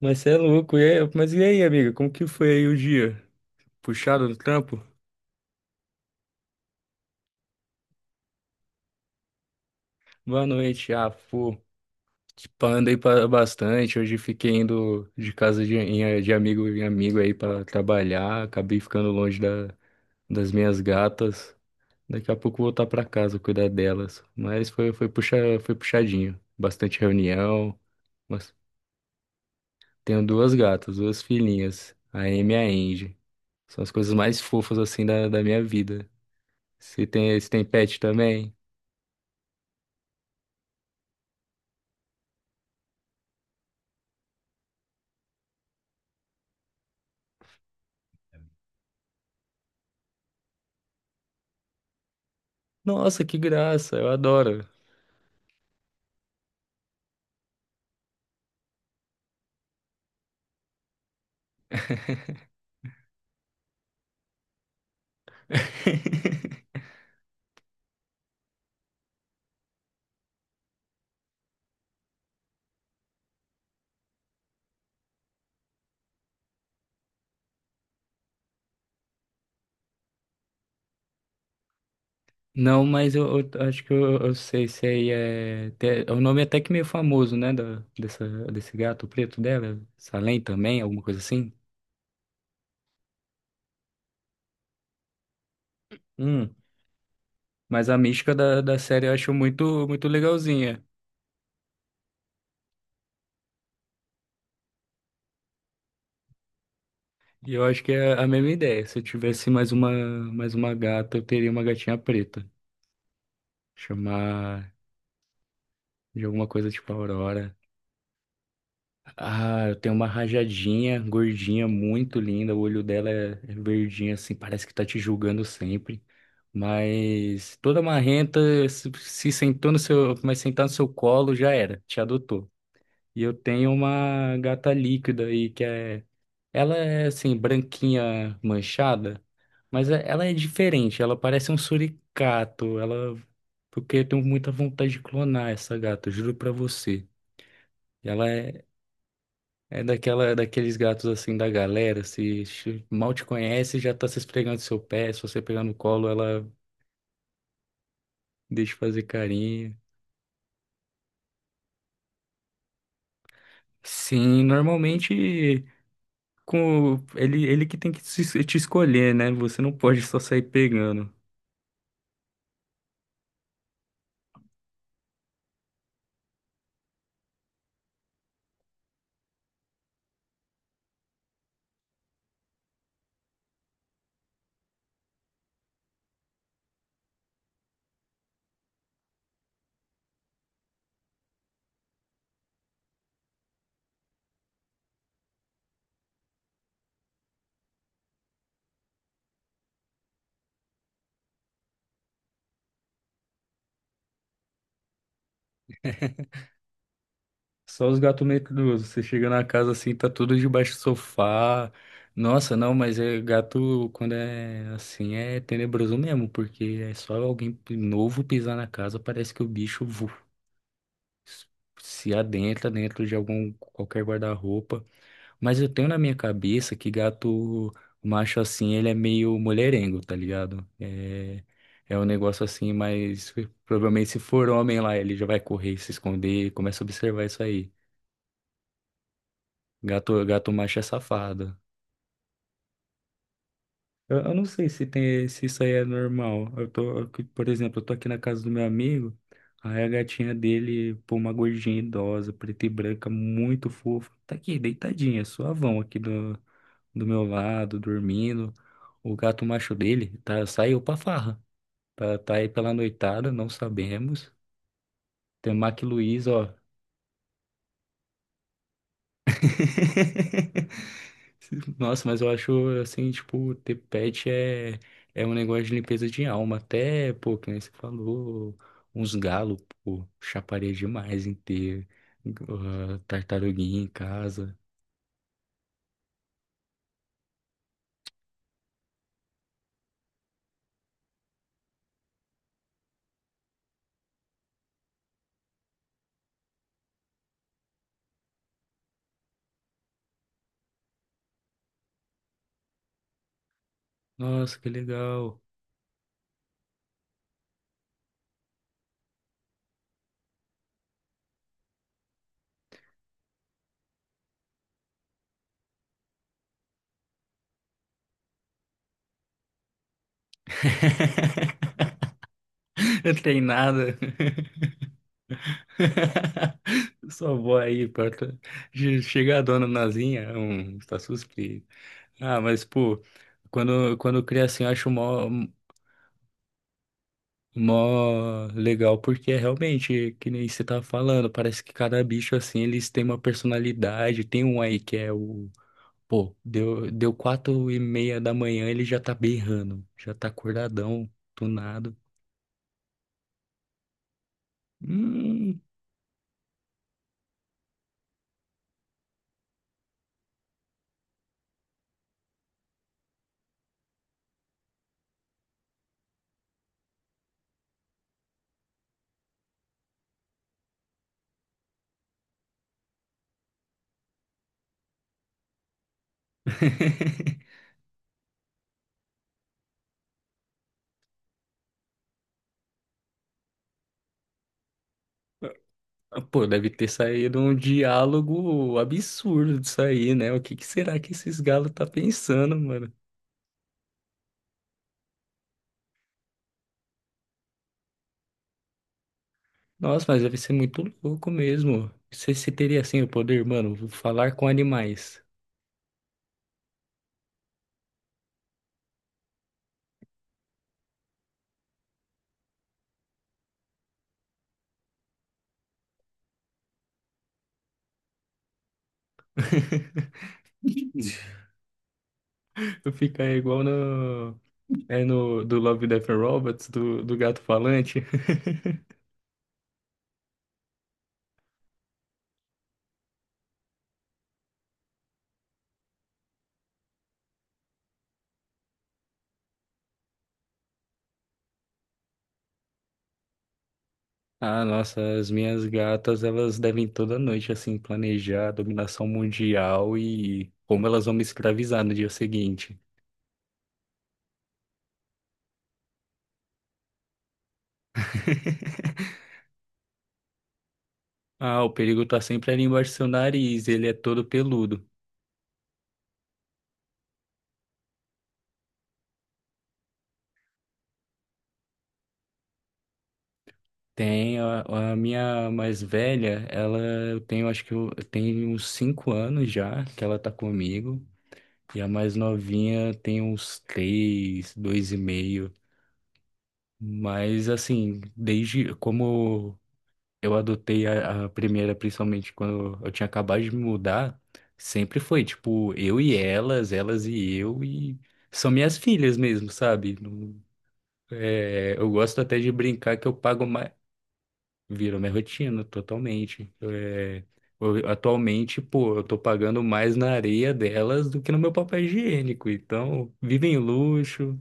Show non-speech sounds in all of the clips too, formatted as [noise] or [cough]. Mas você é louco. Mas e aí, amiga? Como que foi aí o dia? Puxado no trampo? Boa noite. Ah, pô. Tipo, andei pra bastante. Hoje fiquei indo de amigo em amigo aí pra trabalhar. Acabei ficando longe das minhas gatas. Daqui a pouco voltar pra casa cuidar delas. Mas puxa, foi puxadinho. Bastante reunião. Mas tenho duas gatas, duas filhinhas. A Amy e a Angie. São as coisas mais fofas assim da minha vida. Se tem pet também. Nossa, que graça, eu adoro. [laughs] Não, mas eu acho que eu sei se aí é. É um nome até que meio famoso, né? Desse gato preto dela. Salem também, alguma coisa assim. Hum. Mas a mística da série eu acho muito, muito legalzinha. E eu acho que é a mesma ideia. Se eu tivesse mais uma gata, eu teria uma gatinha preta. Chamar de alguma coisa tipo Aurora. Ah, eu tenho uma rajadinha gordinha, muito linda. O olho dela é verdinho, assim, parece que tá te julgando sempre. Mas toda marrenta, se sentou no seu, mas sentar no seu colo, já era, te adotou. E eu tenho uma gata líquida aí, que é. Ela é, assim, branquinha manchada, ela é diferente, ela parece um suricato. Ela. Porque eu tenho muita vontade de clonar essa gata, juro pra você. Ela é. É daqueles gatos assim da galera, se ch- mal te conhece, já tá se esfregando no seu pé, se você pegar no colo, ela deixa fazer carinho. Sim, normalmente com ele que tem que te escolher, né? Você não pode só sair pegando. Só os gatos medrosos. Você chega na casa assim, tá tudo debaixo do sofá. Nossa, não, mas é gato quando é assim é tenebroso mesmo, porque é só alguém novo pisar na casa, parece que o bicho se adentra dentro de algum qualquer guarda-roupa, mas eu tenho na minha cabeça que gato macho assim, ele é meio mulherengo, tá ligado? É um negócio assim, mas provavelmente se for homem lá, ele já vai correr, se esconder, começa a observar isso aí. Gato macho é safado. Eu não sei se isso aí é normal. Por exemplo, eu tô aqui na casa do meu amigo, aí a gatinha dele, pô, uma gordinha idosa, preta e branca, muito fofa, tá aqui, deitadinha, suavão aqui do meu lado, dormindo. O gato macho dele tá, saiu pra farra, tá aí pela noitada, não sabemos. Tem o Mac Luiz, ó. [laughs] Nossa, mas eu acho assim, tipo, ter pet é um negócio de limpeza de alma. Até, pô, que nem você falou, uns galos, pô, chaparia demais em ter tartaruguinha em casa. Nossa, que legal. [laughs] Não tem nada. [laughs] Só vou aí pra... Chega a dona Nazinha, tá suspeito. Ah, mas, pô, quando cria assim, eu acho mó. Mó legal, porque é realmente, que nem você tava falando, parece que cada bicho, assim, eles têm uma personalidade. Tem um aí que é o... Pô, deu 4h30 da manhã, ele já tá berrando. Já tá acordadão, tunado. Hum. [laughs] Pô, deve ter saído um diálogo absurdo disso aí, né? O que que será que esses galos tá pensando, mano? Nossa, mas deve ser muito louco mesmo. Você teria, assim, o poder, mano, falar com animais. [laughs] Tu fica aí igual no. É no do Love, Death and Robots, do gato falante. [laughs] Ah, nossa, as minhas gatas, elas devem toda noite, assim, planejar a dominação mundial e como elas vão me escravizar no dia seguinte. [laughs] Ah, o perigo tá sempre ali embaixo do seu nariz, ele é todo peludo. Tem a minha mais velha, ela eu tenho, acho que eu tenho uns 5 anos já que ela tá comigo. E a mais novinha tem uns 3, 2,5. Mas assim, desde como eu adotei a primeira, principalmente quando eu tinha acabado de me mudar, sempre foi tipo eu e elas e eu, e são minhas filhas mesmo, sabe? É, eu gosto até de brincar que eu pago, ma- Virou minha rotina totalmente. É, atualmente, pô, eu tô pagando mais na areia delas do que no meu papel higiênico. Então, vivem em luxo.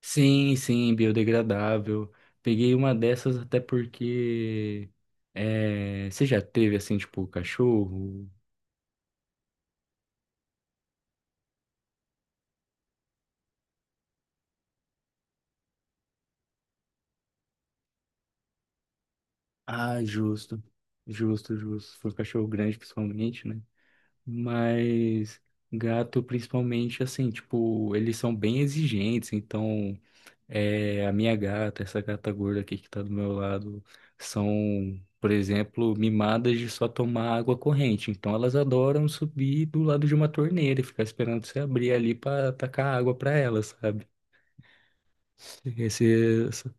Sim, sim, biodegradável. Peguei uma dessas até porque. É, você já teve assim, tipo, cachorro? Ah, justo. Justo, justo. Foi um cachorro grande, principalmente, né? Mas gato, principalmente, assim, tipo, eles são bem exigentes, então. É, a minha gata, essa gata gorda aqui que tá do meu lado, são, por exemplo, mimadas de só tomar água corrente. Então elas adoram subir do lado de uma torneira e ficar esperando você abrir ali pra tacar água pra elas, sabe? Esse, essa-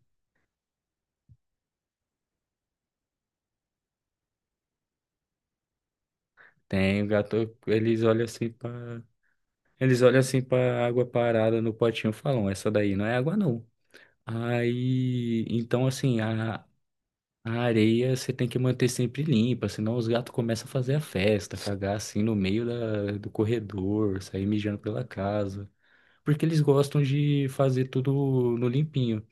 Tem o gato, eles olham assim pra água parada no potinho e falam, essa daí não é água não. Aí, então assim, a areia você tem que manter sempre limpa, senão os gatos começam a fazer a festa, cagar assim no meio do corredor, sair mijando pela casa. Porque eles gostam de fazer tudo no limpinho.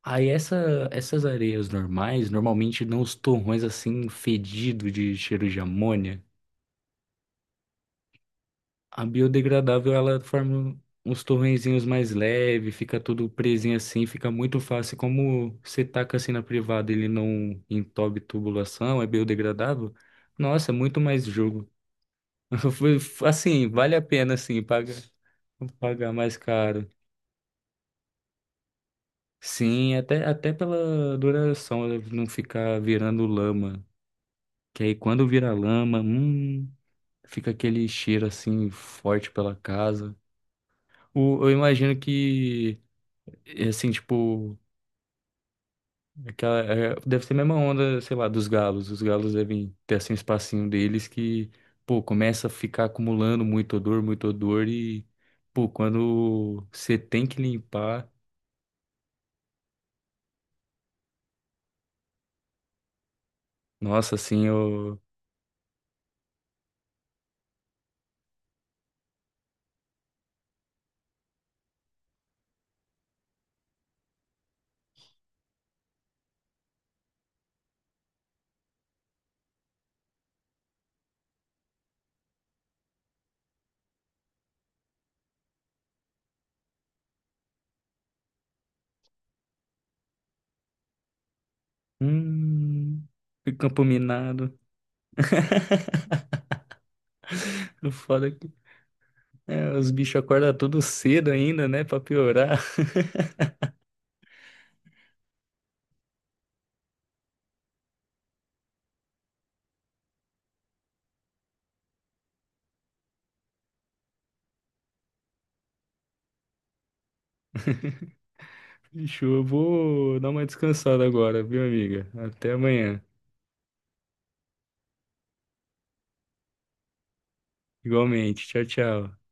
Aí essas areias normais, normalmente dão uns torrões assim fedido de cheiro de amônia. A biodegradável, ela forma uns torrenzinhos mais leves, fica tudo presinho assim, fica muito fácil. Como você taca assim na privada, ele não entope tubulação, é biodegradável. Nossa, é muito mais jogo. [laughs] Foi- Assim, vale a pena, assim, pagar mais caro. Sim, até pela duração, ela não ficar virando lama. Que aí quando vira lama, fica aquele cheiro assim forte pela casa. Eu imagino que e, assim, tipo, aquela, deve ser a mesma onda, sei lá, dos galos. Os galos devem ter assim um espacinho deles que, pô, começa a ficar acumulando muito odor e, pô, quando você tem que limpar, nossa, assim, eu, hum, campo minado. [laughs] O foda é que os bichos acordam tudo cedo ainda, né, pra piorar. [laughs] Bicho, eu vou dar uma descansada agora, viu, amiga? Até amanhã. Igualmente. Tchau, tchau.